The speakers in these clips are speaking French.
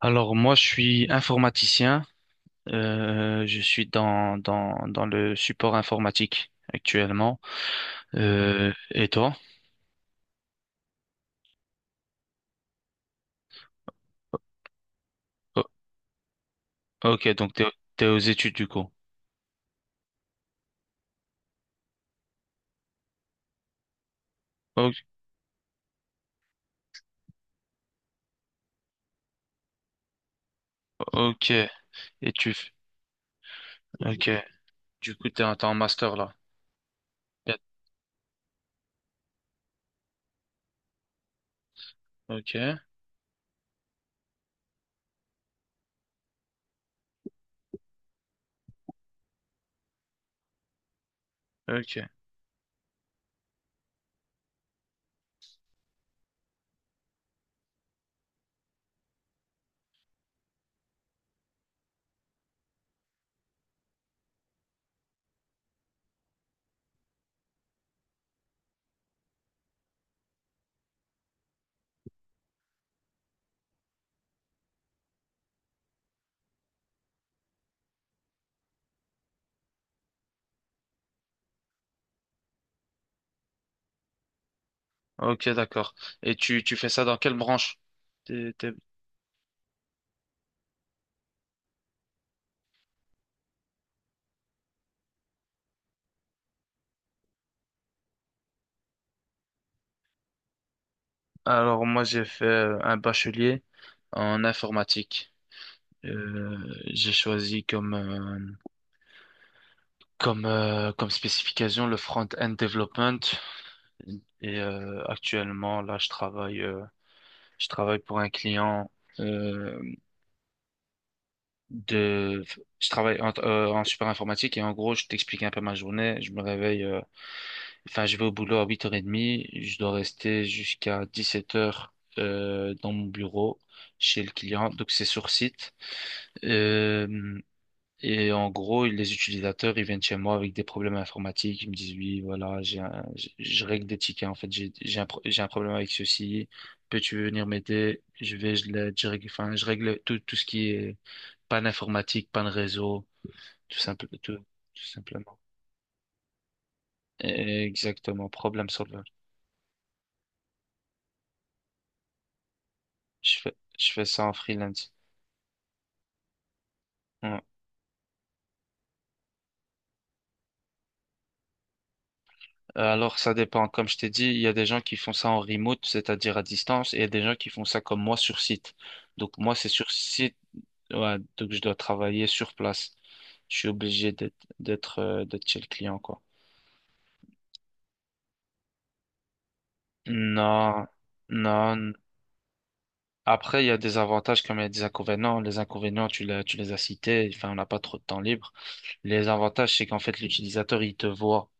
Alors moi, je suis informaticien. Je suis dans le support informatique actuellement. Et toi? O- ok, donc t'es aux études du coup. O- ok, tu... f- Ok, du coup t'es en, t'es en master là. Bien. Ok, ok, ok, d'accord. Et tu fais ça dans quelle branche? T'es- t'es- Alors moi, j'ai fait un bachelier en informatique. Euh, j'ai choisi comme spécification, le front-end development. Actuellement, là, je travaille pour un client euh, de, je travaille en support informatique et en gros, je t'explique un peu ma journée. Je me réveille, enfin, je vais au boulot à 8h30. Je dois rester jusqu'à 17h dans mon bureau chez le client. Donc, c'est sur site. Euh, et en gros, les utilisateurs, ils viennent chez moi avec des problèmes informatiques. Ils me disent, oui, voilà, je règle des tickets. En fait, j'ai un problème avec ceci. Peux-tu venir m'aider? Je vais, je l'aide, je règle, enfin, je règle tout, tout ce qui est panne informatique, panne réseau, tout simple, tout simplement. Exactement, problème solver. Je fais ça en freelance. Ouais. Alors, ça dépend. Comme je t'ai dit, il y a des gens qui font ça en remote, c'est-à-dire à distance, et il y a des gens qui font ça comme moi sur site. Donc, moi, c'est sur site, ouais, donc je dois travailler sur place. Je suis obligé d'être, d'être chez le client, quoi. Non, non. Après, il y a des avantages comme il y a des inconvénients. Les inconvénients, tu l'as, tu les as cités. Enfin, on n'a pas trop de temps libre. Les avantages, c'est qu'en fait, l'utilisateur, il te voit.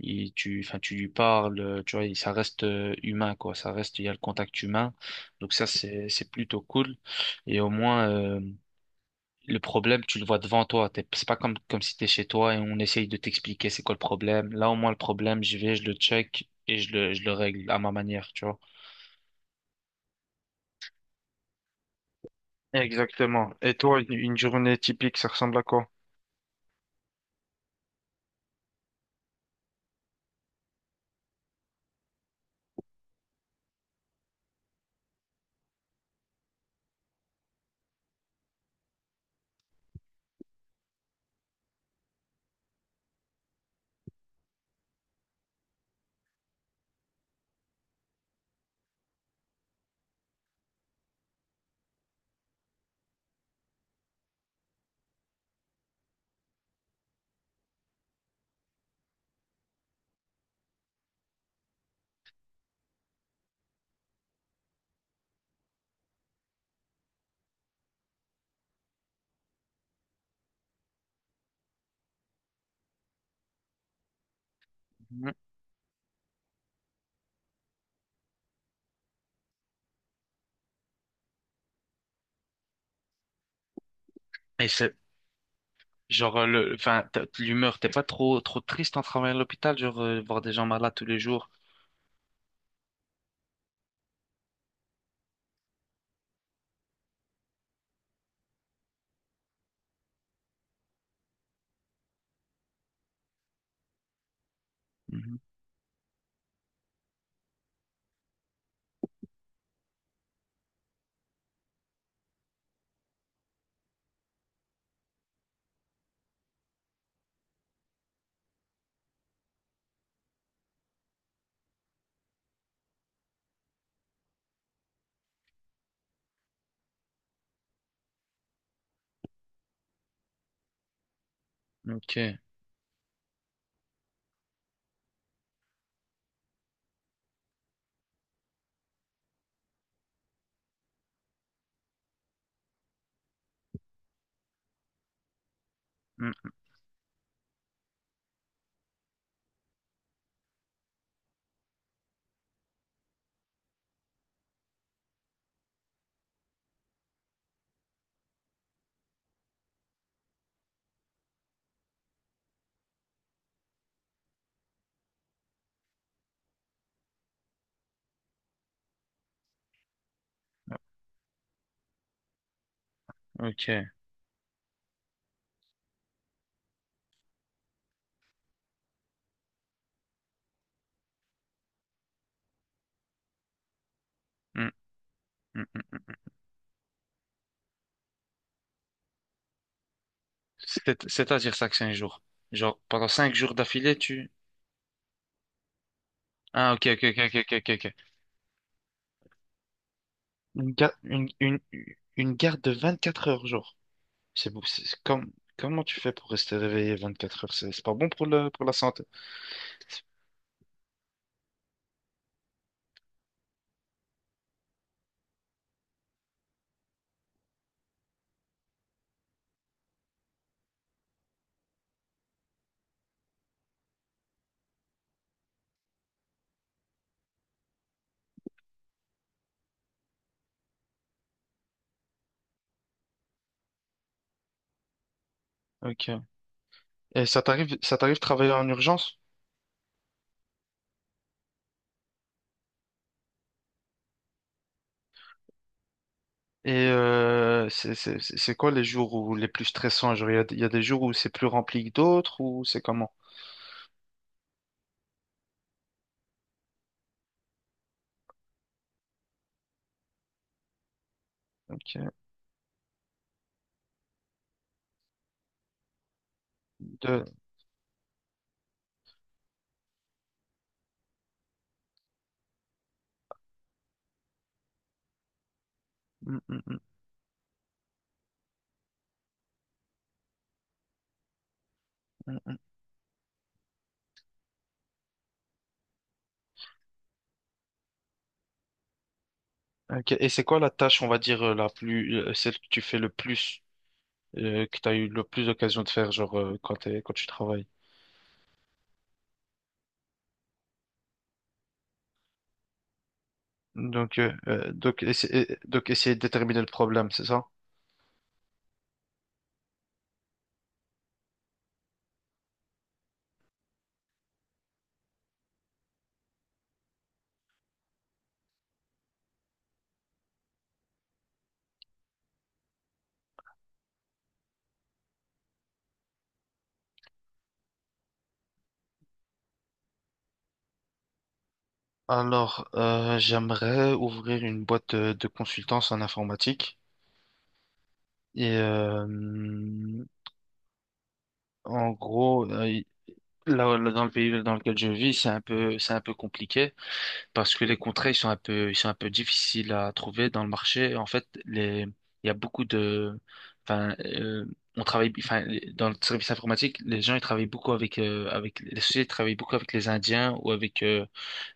Enfin, tu lui parles, tu vois, ça reste humain, quoi. Ça reste, il y a le contact humain. Donc ça, c'est plutôt cool. Et au moins, le problème, tu le vois devant toi. C'est pas comme, si t'es chez toi et on essaye de t'expliquer c'est quoi le problème. Là, au moins, le problème, j'y vais, je le check et je le règle à ma manière, tu vois. Exactement. Et toi, une journée typique, ça ressemble à quoi? Mhm. Et c'est genre enfin, l'humeur, t'es pas trop trop triste en travaillant à l'hôpital, genre voir des gens malades tous les jours. Mhm. Ok, mm. Ok. Mm. Mm. Mm. C'est-à-dire ça que 5 jours. Genre pendant 5 jours d'affilée, tu. Ah, ok, ok, ok, ok, ok, ok. Une garde, une garde de 24 heures jour. C'est beau. C'est comment tu fais pour rester réveillé 24 heures? C'est pas bon pour le, pour la santé. Ok. Et ça t'arrive de travailler en urgence? Et c'est quoi les jours où les plus stressants? Genre, il y a des jours où c'est plus rempli que d'autres ou c'est comment? Ok. De- Mm, mm, mm, mm, mm. Ok. Et c'est quoi la tâche, on va dire, celle que tu fais le plus, que tu as eu le plus d'occasion de faire, genre, quand tu travailles? Donc, essayer de déterminer le problème, c'est ça? Alors, j'aimerais ouvrir une boîte de consultance en informatique. Et, euh, En gros, là, dans le pays dans lequel je vis, c'est un peu compliqué parce que les contrats, ils sont un peu difficiles à trouver dans le marché. En fait, il y a beaucoup de, enfin, on travaille, enfin, dans le service informatique, les gens, ils travaillent beaucoup avec, avec, les sociétés travaillent beaucoup avec les Indiens ou avec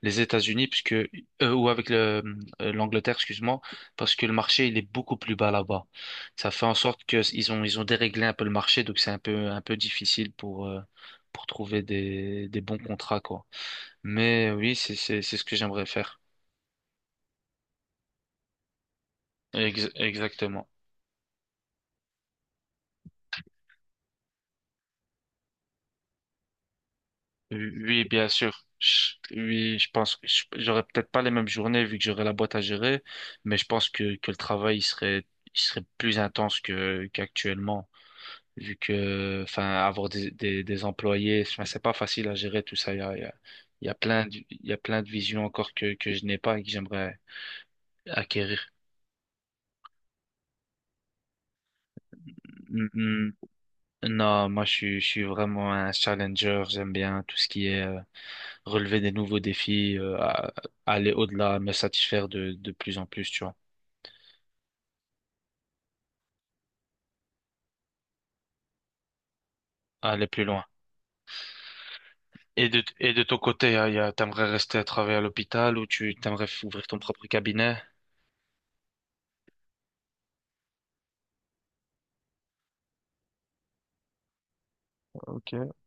les États-Unis, puisque, ou avec l'Angleterre, excuse-moi, parce que le marché, il est beaucoup plus bas là-bas. Ça fait en sorte que ils ont déréglé un peu le marché, donc c'est un peu difficile pour trouver des bons contrats, quoi. Mais oui, c'est ce que j'aimerais faire. Exactement. Oui, bien sûr. Oui, je pense que j'aurais peut-être pas les mêmes journées vu que j'aurais la boîte à gérer, mais je pense que le travail il serait plus intense que qu'actuellement vu que enfin avoir des employés, enfin, c'est pas facile à gérer tout ça. Il y a plein de, il y a plein de visions encore que je n'ai pas et que j'aimerais acquérir. Mm, mm. Non, moi je suis vraiment un challenger. J'aime bien tout ce qui est relever des nouveaux défis, aller au-delà, me satisfaire de plus en plus, tu vois, aller plus loin. Et de ton côté, hein, t'aimerais rester à travailler à l'hôpital ou tu t'aimerais ouvrir ton propre cabinet? Ok,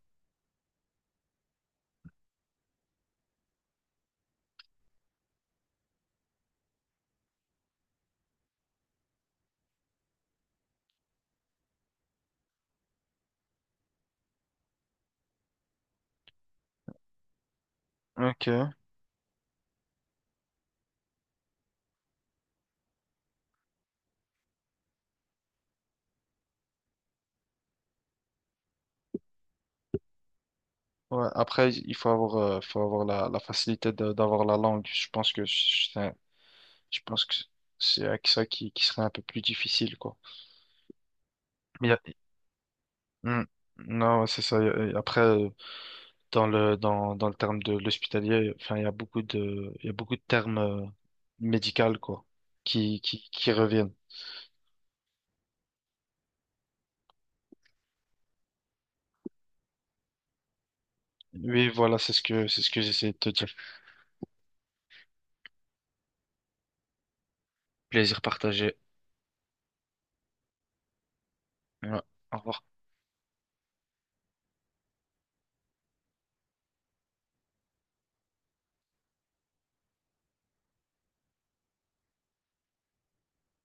ok. Ouais. Après, il faut avoir la facilité d'avoir la langue. Je pense que c'est avec ça qui serait un peu plus difficile, quoi. Mais y a- Hmm. Non, ouais, c'est ça. Après, dans le dans le terme de l'hospitalier, enfin il y a beaucoup de il y a beaucoup de termes médicaux quoi qui reviennent. Oui, voilà, c'est ce que j'essaie de te dire. Plaisir partagé. Ouais. Au revoir.